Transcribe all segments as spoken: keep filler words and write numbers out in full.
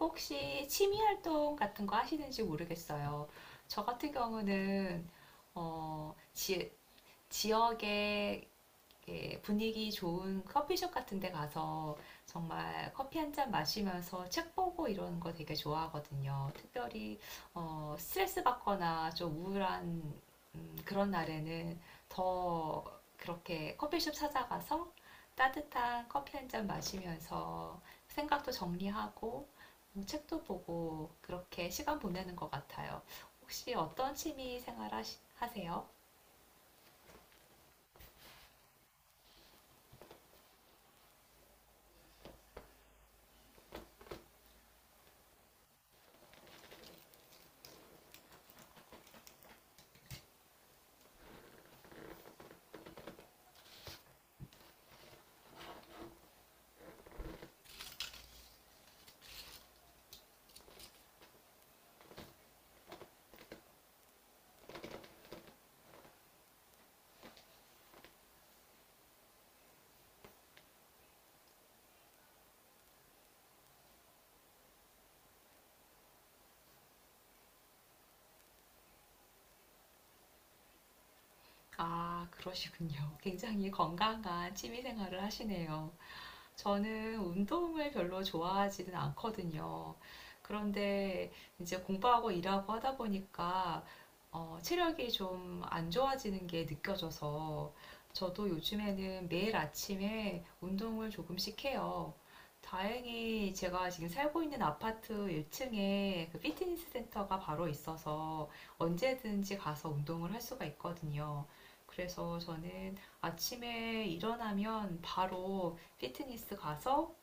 혹시 취미 활동 같은 거 하시는지 모르겠어요. 저 같은 경우는 어, 지, 지역에, 예, 분위기 좋은 커피숍 같은 데 가서 정말 커피 한 잔 마시면서 책 보고 이러는 거 되게 좋아하거든요. 특별히 어, 스트레스 받거나 좀 우울한, 음, 그런 날에는 더 그렇게 커피숍 찾아가서 따뜻한 커피 한 잔 마시면서 생각도 정리하고 음, 책도 보고 그렇게 시간 보내는 것 같아요. 혹시 어떤 취미 생활 하시- 하세요? 아, 그러시군요. 굉장히 건강한 취미 생활을 하시네요. 저는 운동을 별로 좋아하지는 않거든요. 그런데 이제 공부하고 일하고 하다 보니까 어, 체력이 좀 안 좋아지는 게 느껴져서 저도 요즘에는 매일 아침에 운동을 조금씩 해요. 다행히 제가 지금 살고 있는 아파트 일 층에 그 피트니스 센터가 바로 있어서 언제든지 가서 운동을 할 수가 있거든요. 그래서 저는 아침에 일어나면 바로 피트니스 가서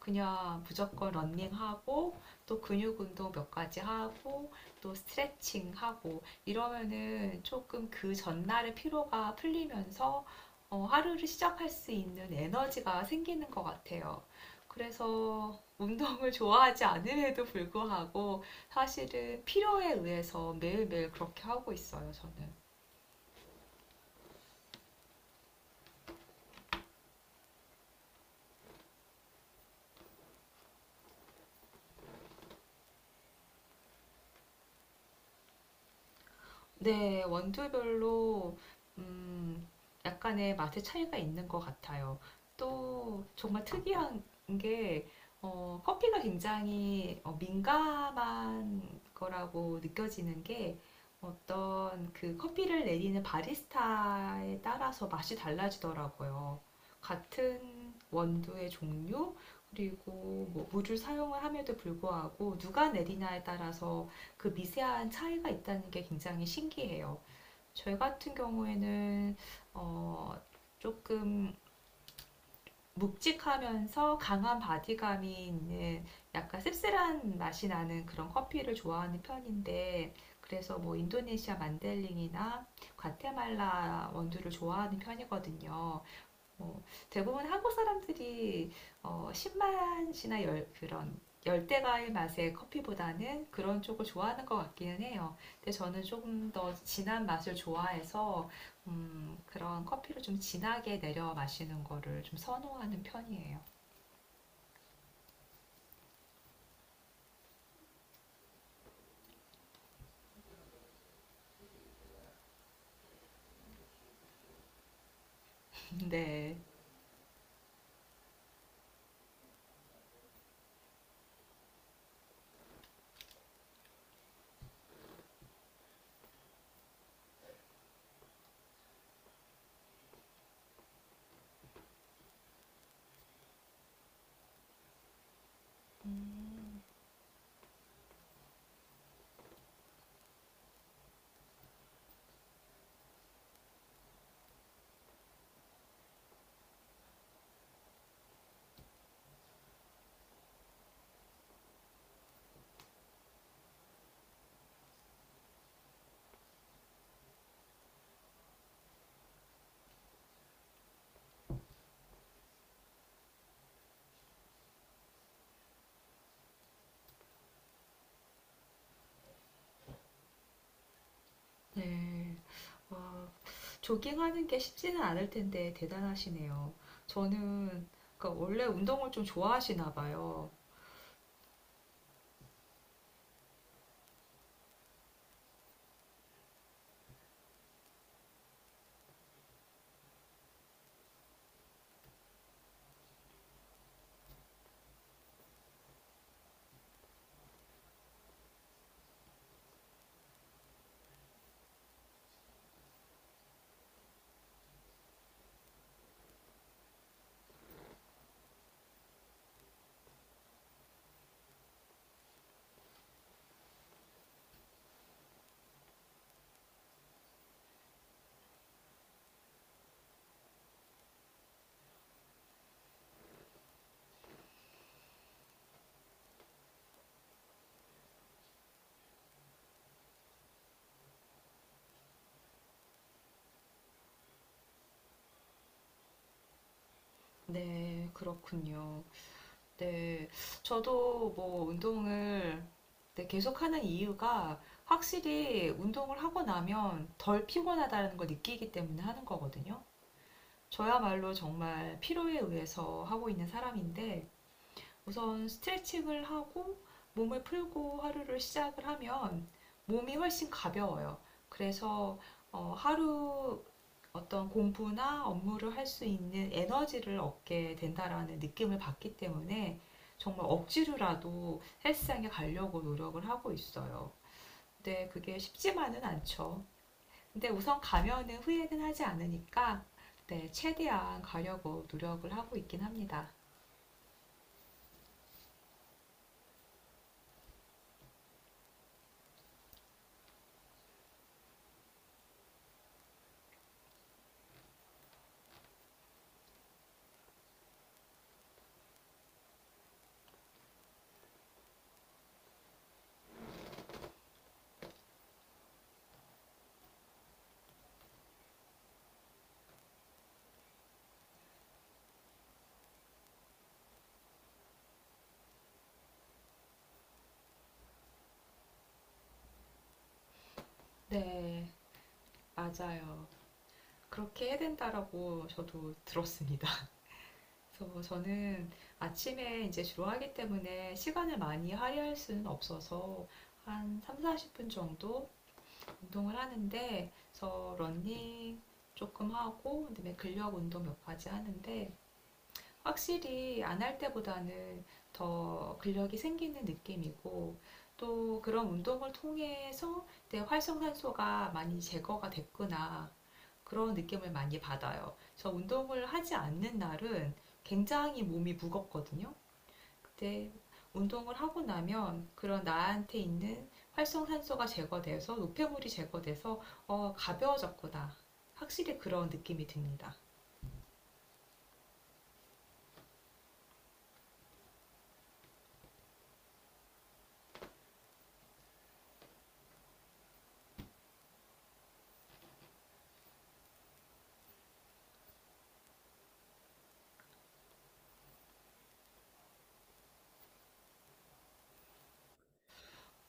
그냥 무조건 런닝하고 또 근육 운동 몇 가지 하고 또 스트레칭 하고 이러면은 조금 그 전날의 피로가 풀리면서 어, 하루를 시작할 수 있는 에너지가 생기는 것 같아요. 그래서 운동을 좋아하지 않음에도 불구하고 사실은 필요에 의해서 매일매일 그렇게 하고 있어요, 저는. 네, 원두별로 음, 약간의 맛의 차이가 있는 것 같아요. 또 정말 특이한 게 어, 커피가 굉장히 어, 민감한 거라고 느껴지는 게, 어떤 그 커피를 내리는 바리스타에 따라서 맛이 달라지더라고요. 같은 원두의 종류 그리고 뭐 물을 사용을 함에도 불구하고 누가 내리냐에 따라서 그 미세한 차이가 있다는 게 굉장히 신기해요. 저희 같은 경우에는 어, 조금 묵직하면서 강한 바디감이 있는 약간 씁쓸한 맛이 나는 그런 커피를 좋아하는 편인데, 그래서 뭐 인도네시아 만델링이나 과테말라 원두를 좋아하는 편이거든요. 어, 대부분 한국 사람들이 어, 신맛이나 열, 그런 열대과일 맛의 커피보다는 그런 쪽을 좋아하는 것 같기는 해요. 근데 저는 조금 더 진한 맛을 좋아해서 음, 그런 커피를 좀 진하게 내려 마시는 거를 좀 선호하는 편이에요. 네. 네. 와, 조깅하는 게 쉽지는 않을 텐데 대단하시네요. 저는, 그러니까 원래 운동을 좀 좋아하시나 봐요. 네, 그렇군요. 네, 저도 뭐 운동을, 네, 계속하는 이유가 확실히 운동을 하고 나면 덜 피곤하다는 걸 느끼기 때문에 하는 거거든요. 저야말로 정말 피로에 의해서 하고 있는 사람인데, 우선 스트레칭을 하고 몸을 풀고 하루를 시작을 하면 몸이 훨씬 가벼워요. 그래서 어, 하루 어떤 공부나 업무를 할 수 있는 에너지를 얻게 된다라는 느낌을 받기 때문에 정말 억지로라도 헬스장에 가려고 노력을 하고 있어요. 근데 그게 쉽지만은 않죠. 근데 우선 가면은 후회는 하지 않으니까 네, 최대한 가려고 노력을 하고 있긴 합니다. 네, 맞아요. 그렇게 해야 된다라고 저도 들었습니다. 그래서 저는 아침에 이제 주로 하기 때문에 시간을 많이 할애할 수는 없어서 한 삼, 사십 분 정도 운동을 하는데, 그래서 러닝 조금 하고 그다음에 근력 운동 몇 가지 하는데 확실히 안 할 때보다는 더 근력이 생기는 느낌이고, 또 그런 운동을 통해서 내 활성산소가 많이 제거가 됐구나, 그런 느낌을 많이 받아요. 저 운동을 하지 않는 날은 굉장히 몸이 무겁거든요. 그때 운동을 하고 나면 그런 나한테 있는 활성산소가 제거돼서 노폐물이 제거돼서 어, 가벼워졌구나. 확실히 그런 느낌이 듭니다.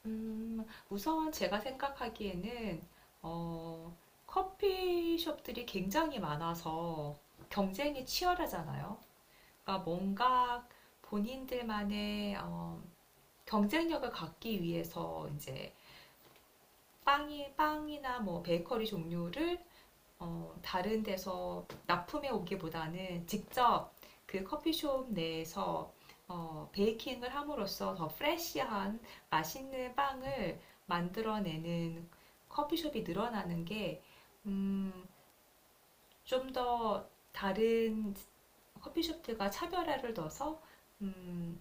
음, 우선 제가 생각하기에는 어, 커피숍들이 굉장히 많아서 경쟁이 치열하잖아요. 그러니까 뭔가 본인들만의 어, 경쟁력을 갖기 위해서 이제 빵이 빵이나 뭐 베이커리 종류를 어, 다른 데서 납품해 오기보다는 직접 그 커피숍 내에서 어, 베이킹을 함으로써 더 프레시한 맛있는 빵을 만들어내는 커피숍이 늘어나는 게, 음, 좀 더 다른 커피숍들과 차별화를 둬서, 음,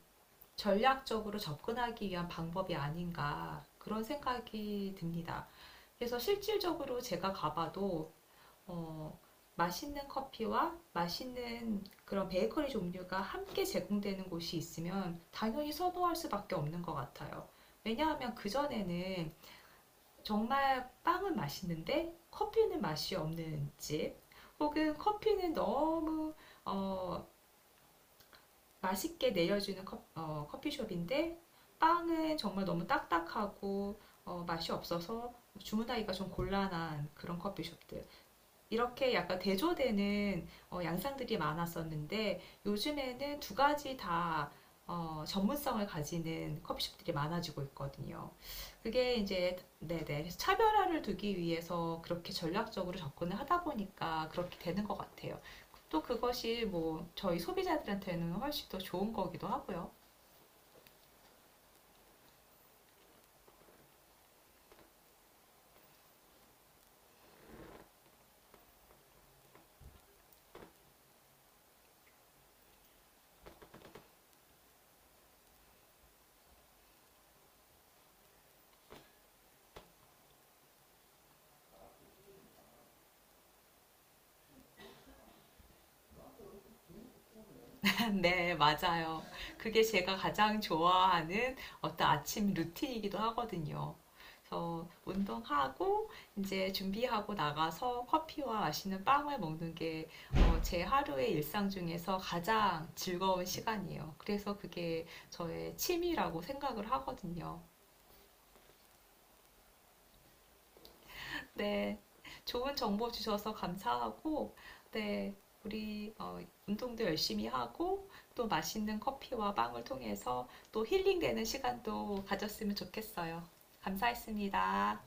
전략적으로 접근하기 위한 방법이 아닌가 그런 생각이 듭니다. 그래서 실질적으로 제가 가봐도 어, 맛있는 커피와 맛있는 그런 베이커리 종류가 함께 제공되는 곳이 있으면 당연히 선호할 수밖에 없는 것 같아요. 왜냐하면 그전에는 정말 빵은 맛있는데 커피는 맛이 없는 집, 혹은 커피는 너무 어, 맛있게 내려주는 커, 어, 커피숍인데 빵은 정말 너무 딱딱하고 어, 맛이 없어서 주문하기가 좀 곤란한 그런 커피숍들, 이렇게 약간 대조되는 어, 양상들이 많았었는데 요즘에는 두 가지 다 어, 전문성을 가지는 커피숍들이 많아지고 있거든요. 그게 이제 네네, 그래서 차별화를 두기 위해서 그렇게 전략적으로 접근을 하다 보니까 그렇게 되는 것 같아요. 또 그것이 뭐 저희 소비자들한테는 훨씬 더 좋은 거기도 하고요. 네, 맞아요. 그게 제가 가장 좋아하는 어떤 아침 루틴이기도 하거든요. 그래서 운동하고 이제 준비하고 나가서 커피와 맛있는 빵을 먹는 게, 어, 제 하루의 일상 중에서 가장 즐거운 시간이에요. 그래서 그게 저의 취미라고 생각을 하거든요. 네. 좋은 정보 주셔서 감사하고, 네. 우리 어, 운동도 열심히 하고, 또 맛있는 커피와 빵을 통해서 또 힐링되는 시간도 가졌으면 좋겠어요. 감사했습니다.